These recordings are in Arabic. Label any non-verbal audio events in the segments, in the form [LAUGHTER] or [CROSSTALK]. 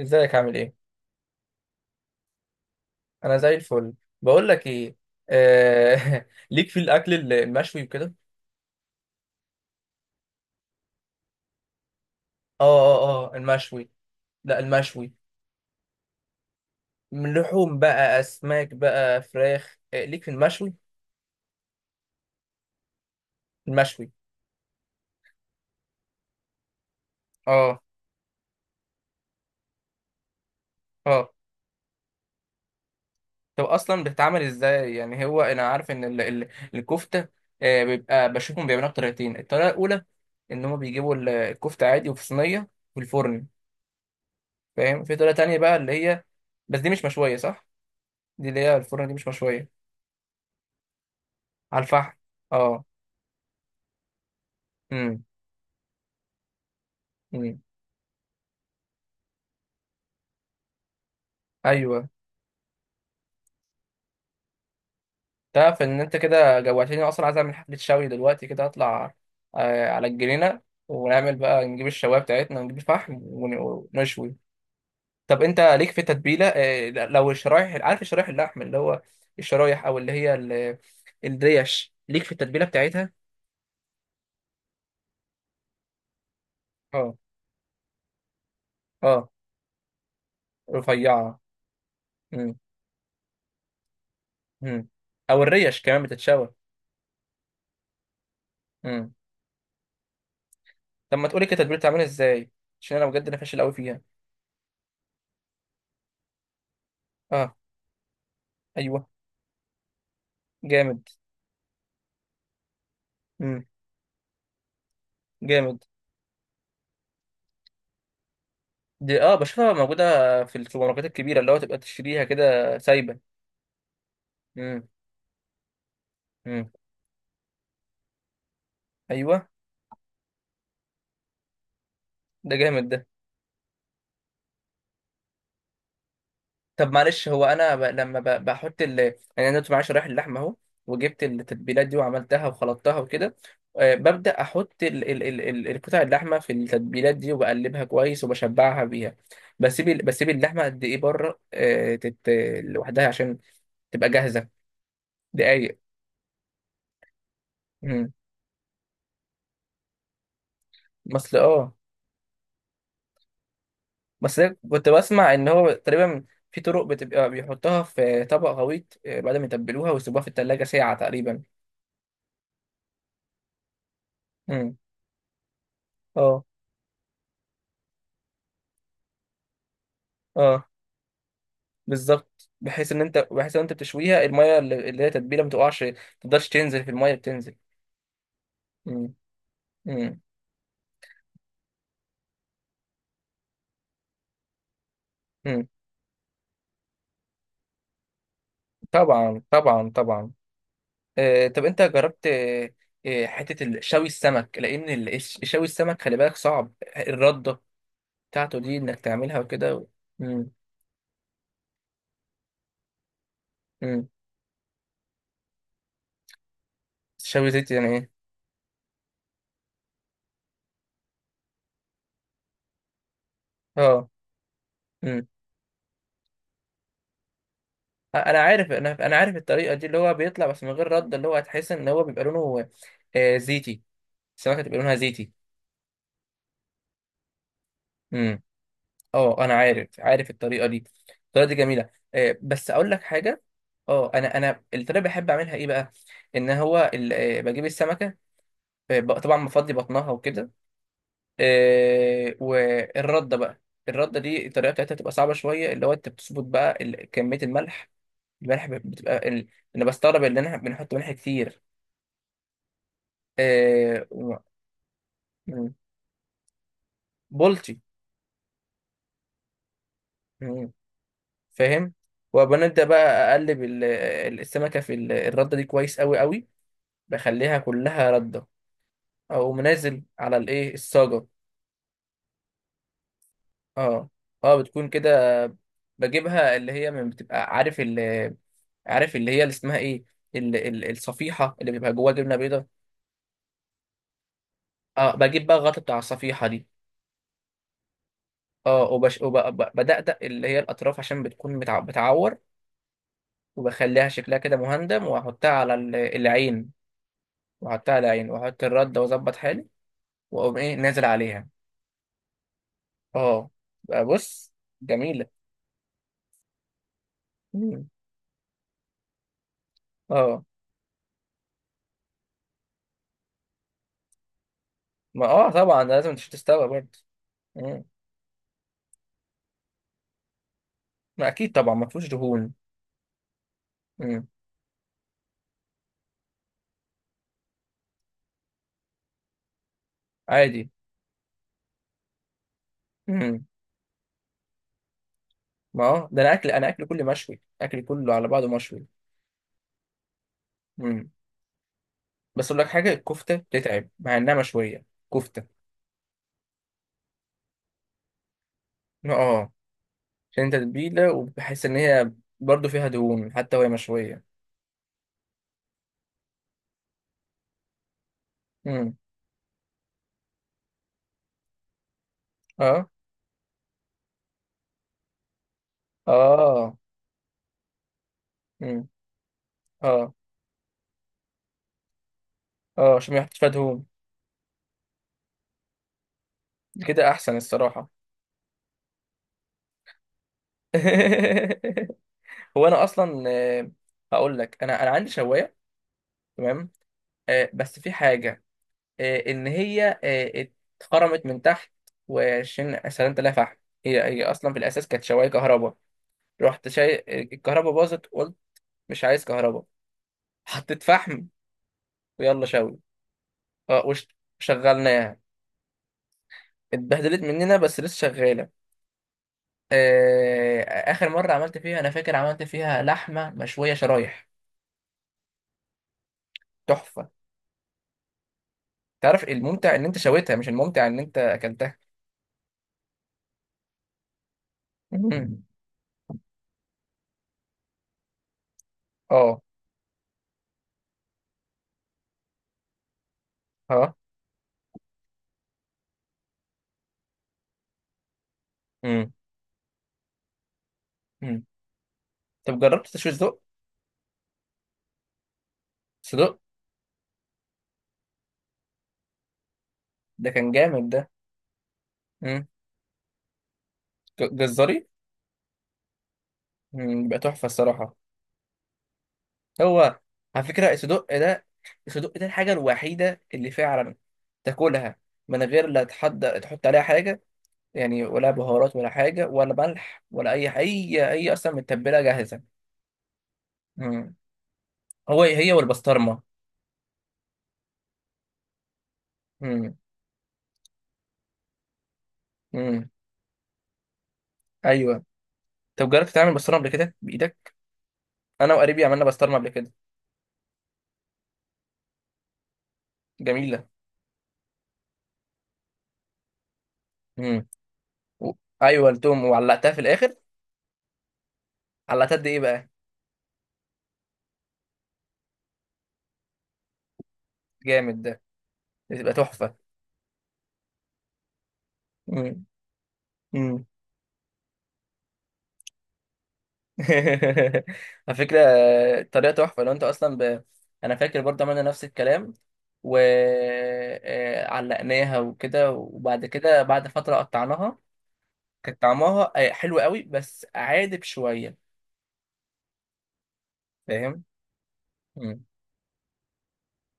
ازيك عامل ايه؟ انا زي الفل. بقول لك ايه؟ [LAUGHS] ليك في الاكل المشوي وكده. اه، اه، اه، المشوي. لا، المشوي. من لحوم بقى، اسماك بقى، فراخ، ليك في المشوي. المشوي. اه، اه. طب اصلا بتتعمل ازاي؟ يعني هو انا عارف ان الكفته. بيبقى بشوفهم بيعملوها بطريقتين، الطريقه الاولى ان هم بيجيبوا الكفته عادي وفي صينيه في الفرن. فاهم، في طريقه تانية بقى اللي هي بس دي مش مشويه صح؟ دي اللي هي الفرن، دي مش مشويه على الفحم. اه. امم امم ايوه. تعرف ان انت كده جوعتني؟ اصلا عايز اعمل حفله شوي دلوقتي كده اطلع على الجنينه، ونعمل بقى، نجيب الشوايه بتاعتنا ونجيب الفحم ونشوي. طب انت ليك في تتبيله؟ لو الشرايح، عارف الشرايح، اللحم اللي هو الشرايح، او اللي هي الريش، ليك في التتبيله بتاعتها؟ اه، اه، رفيعه. امم امم او الريش كمان بتتشوى. امم طب ما تقولي كده، التتبيله بتعملها ازاي؟ عشان انا بجد انا فاشل قوي فيها. اه، ايوه، جامد. امم جامد. دي، اه، بشوفها موجودة في السوبر ماركتات الكبيرة، اللي هو تبقى تشتريها كده سايبة. امم امم ايوه. ده جامد ده. طب معلش، هو انا لما بحط يعني انا دلوقتي معايا شرايح اللحمة اهو، وجبت التتبيلات دي وعملتها وخلطتها وكده. ببدأ احط القطع اللحمة في التتبيلات دي، وبقلبها كويس وبشبعها بيها. بسيب اللحمة قد ايه بره؟ لوحدها عشان تبقى جاهزة دقايق. امم اصل اه. بس أنا كنت بسمع ان هو تقريبا في طرق بتبقى بيحطها في طبق غويط، بعد ما يتبلوها ويسيبوها في التلاجة ساعة تقريبا. امم اه، اه، بالظبط، بحيث ان انت بتشويها، المية اللي هي تتبيله ما تقعش، ما تقدرش تنزل في المية بتنزل. امم امم امم طبعا، طبعا، طبعا. طب انت جربت؟ حتة شوي السمك، لان شوي السمك خلي بالك صعب، الردة بتاعته دي انك تعملها وكده. امم امم شوي زيت يعني ايه؟ اه. امم انا عارف، انا عارف الطريقه دي، اللي هو بيطلع بس من غير رد، اللي هو هتحس ان هو بيبقى لونه زيتي. السمكه تبقى لونها زيتي. امم اه، انا عارف الطريقه دي. الطريقه دي جميله، بس اقول لك حاجه. اه، انا الطريقه بحب اعملها ايه بقى؟ ان هو بجيب السمكه. طبعا بفضي بطنها وكده. والرده بقى، الرده دي الطريقه بتاعتها بتبقى صعبه شويه، اللي هو انت بتظبط بقى كميه الملح. الملح بتبقى انا بستغرب ان احنا بنحط ملح كتير. آه، و- مم، بولتي. مم، فاهم. وبنبدا بقى اقلب السمكه في الرده دي كويس قوي قوي. بخليها كلها رده او منازل على الايه، الصاجه. اه، اه، بتكون كده. بجيبها اللي هي من بتبقى عارف عارف اللي هي اللي اسمها ايه، ال ال الصفيحه اللي بيبقى جواها جبنه بيضه. اه، بجيب بقى الغطا بتاع الصفيحه دي. اه، وبدقدق اللي هي الاطراف عشان بتكون بتعور، وبخليها شكلها كده مهندم، واحطها على العين. واحطها على العين واحط الردة واظبط حالي، واقوم ايه نازل عليها. اه، بقى بص، جميلة. مم. اه، ما اه، طبعا ده لازم مش تستوى برضه. مم. ما اكيد طبعا، ما فيهوش دهون. مم. عادي. مم. ما اه، ده انا اكل كله مشوي، اكل كله على بعضه مشوي. مم. بس اقول لك حاجة، الكفتة بتتعب مع انها مشوية. كفتة. اه، عشان تتبيلة، وبحس ان هي برضه فيها دهون، حتى وهي مشوية. مم. اه، اه. مم. اه، اه، عشان ما يحطش فيها دهون. كده احسن الصراحه. [LAUGHS] هو انا اصلا، هقول لك، انا عندي شوايه. تمام. بس في حاجه، ان هي، اتخرمت من تحت. وعشان سلمت لها فحم، هي اصلا في الاساس كانت شوايه كهرباء. رحت شاي الكهرباء باظت، قلت مش عايز كهرباء. حطيت فحم. ويلا شوي. اه، وشغلناها. اتبهدلت مننا بس لسه شغاله. آه، اخر مره عملت فيها انا فاكر عملت فيها لحمه مشويه شرايح. تحفه. تعرف الممتع ان انت شويتها مش الممتع ان انت اكلتها؟ [LAUGHS] مم. اه. ها. مم. مم. طب جربت تشوي صدق؟ صدق. ده كان جامد ده. مم. جزاري. مم، يبقى تحفه الصراحه. هو على فكره الصدق ده، الصدق ده الحاجه الوحيده اللي فعلا تاكلها من غير لا تحضر تحط عليها حاجه، يعني ولا بهارات ولا حاجه ولا ملح ولا اي، اصلا متبله جاهزه. مم. هو هي والبسطرمه. مم. مم. ايوه. طب جربت تعمل بسطرمه قبل كده بايدك؟ انا وقريبي عملنا بسطرمه قبل كده. جميله. مم. و... ايوه، التوم، وعلقتها في الاخر. علقتها قد ايه بقى؟ جامد ده. بتبقى تحفه. مم. مم. [LAUGHS] على فكره، الطريقه تحفه لو انت اصلا انا فاكر برضه عملنا نفس الكلام، وعلقناها وكده، وبعد كده بعد فتره قطعناها. كان طعمها حلو قوي بس عادب شويه. فاهم.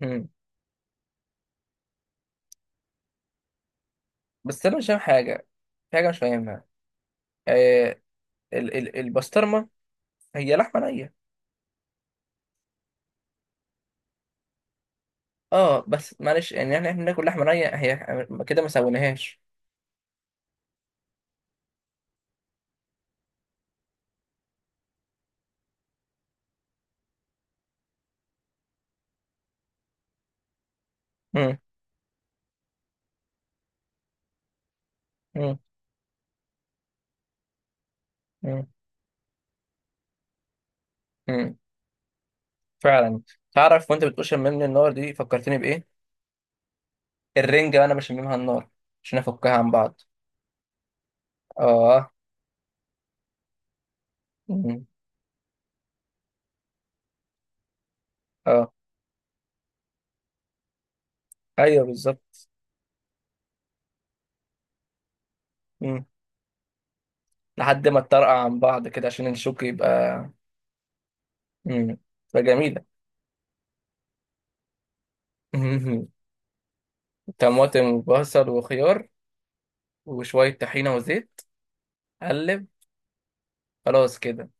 مم. بس انا مش فاهم حاجه، في حاجه مش فاهمها. آه ال ال البسطرمه، هي لحمه نيه؟ اه، بس معلش، يعني احنا بناكل لحمه نيه؟ هي كده ما سويناهاش. مم. مم. مم. مم. فعلا. تعرف، وانت بتقول شممني النار، دي فكرتني بايه؟ الرنجه انا بشممها النار عشان افكها عن بعض. اه. مم. اه، ايوه، بالظبط. مم. لحد ما تطرقع عن بعض كده، عشان الشوك يبقى. مم. تبقى جميله. [LAUGHS] طماطم وبصل وخيار، وشوية طحينة وزيت. قلب. خلاص كده.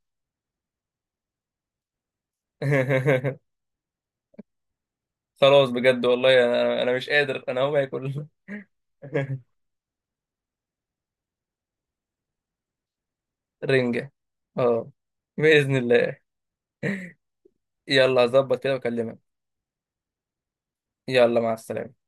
[LAUGHS] خلاص بجد والله، أنا مش قادر، أنا هقوم آكل. [LAUGHS] رنجة. أه. بإذن الله. يلا، هظبط كده وأكلمك. يلا، مع السلامة.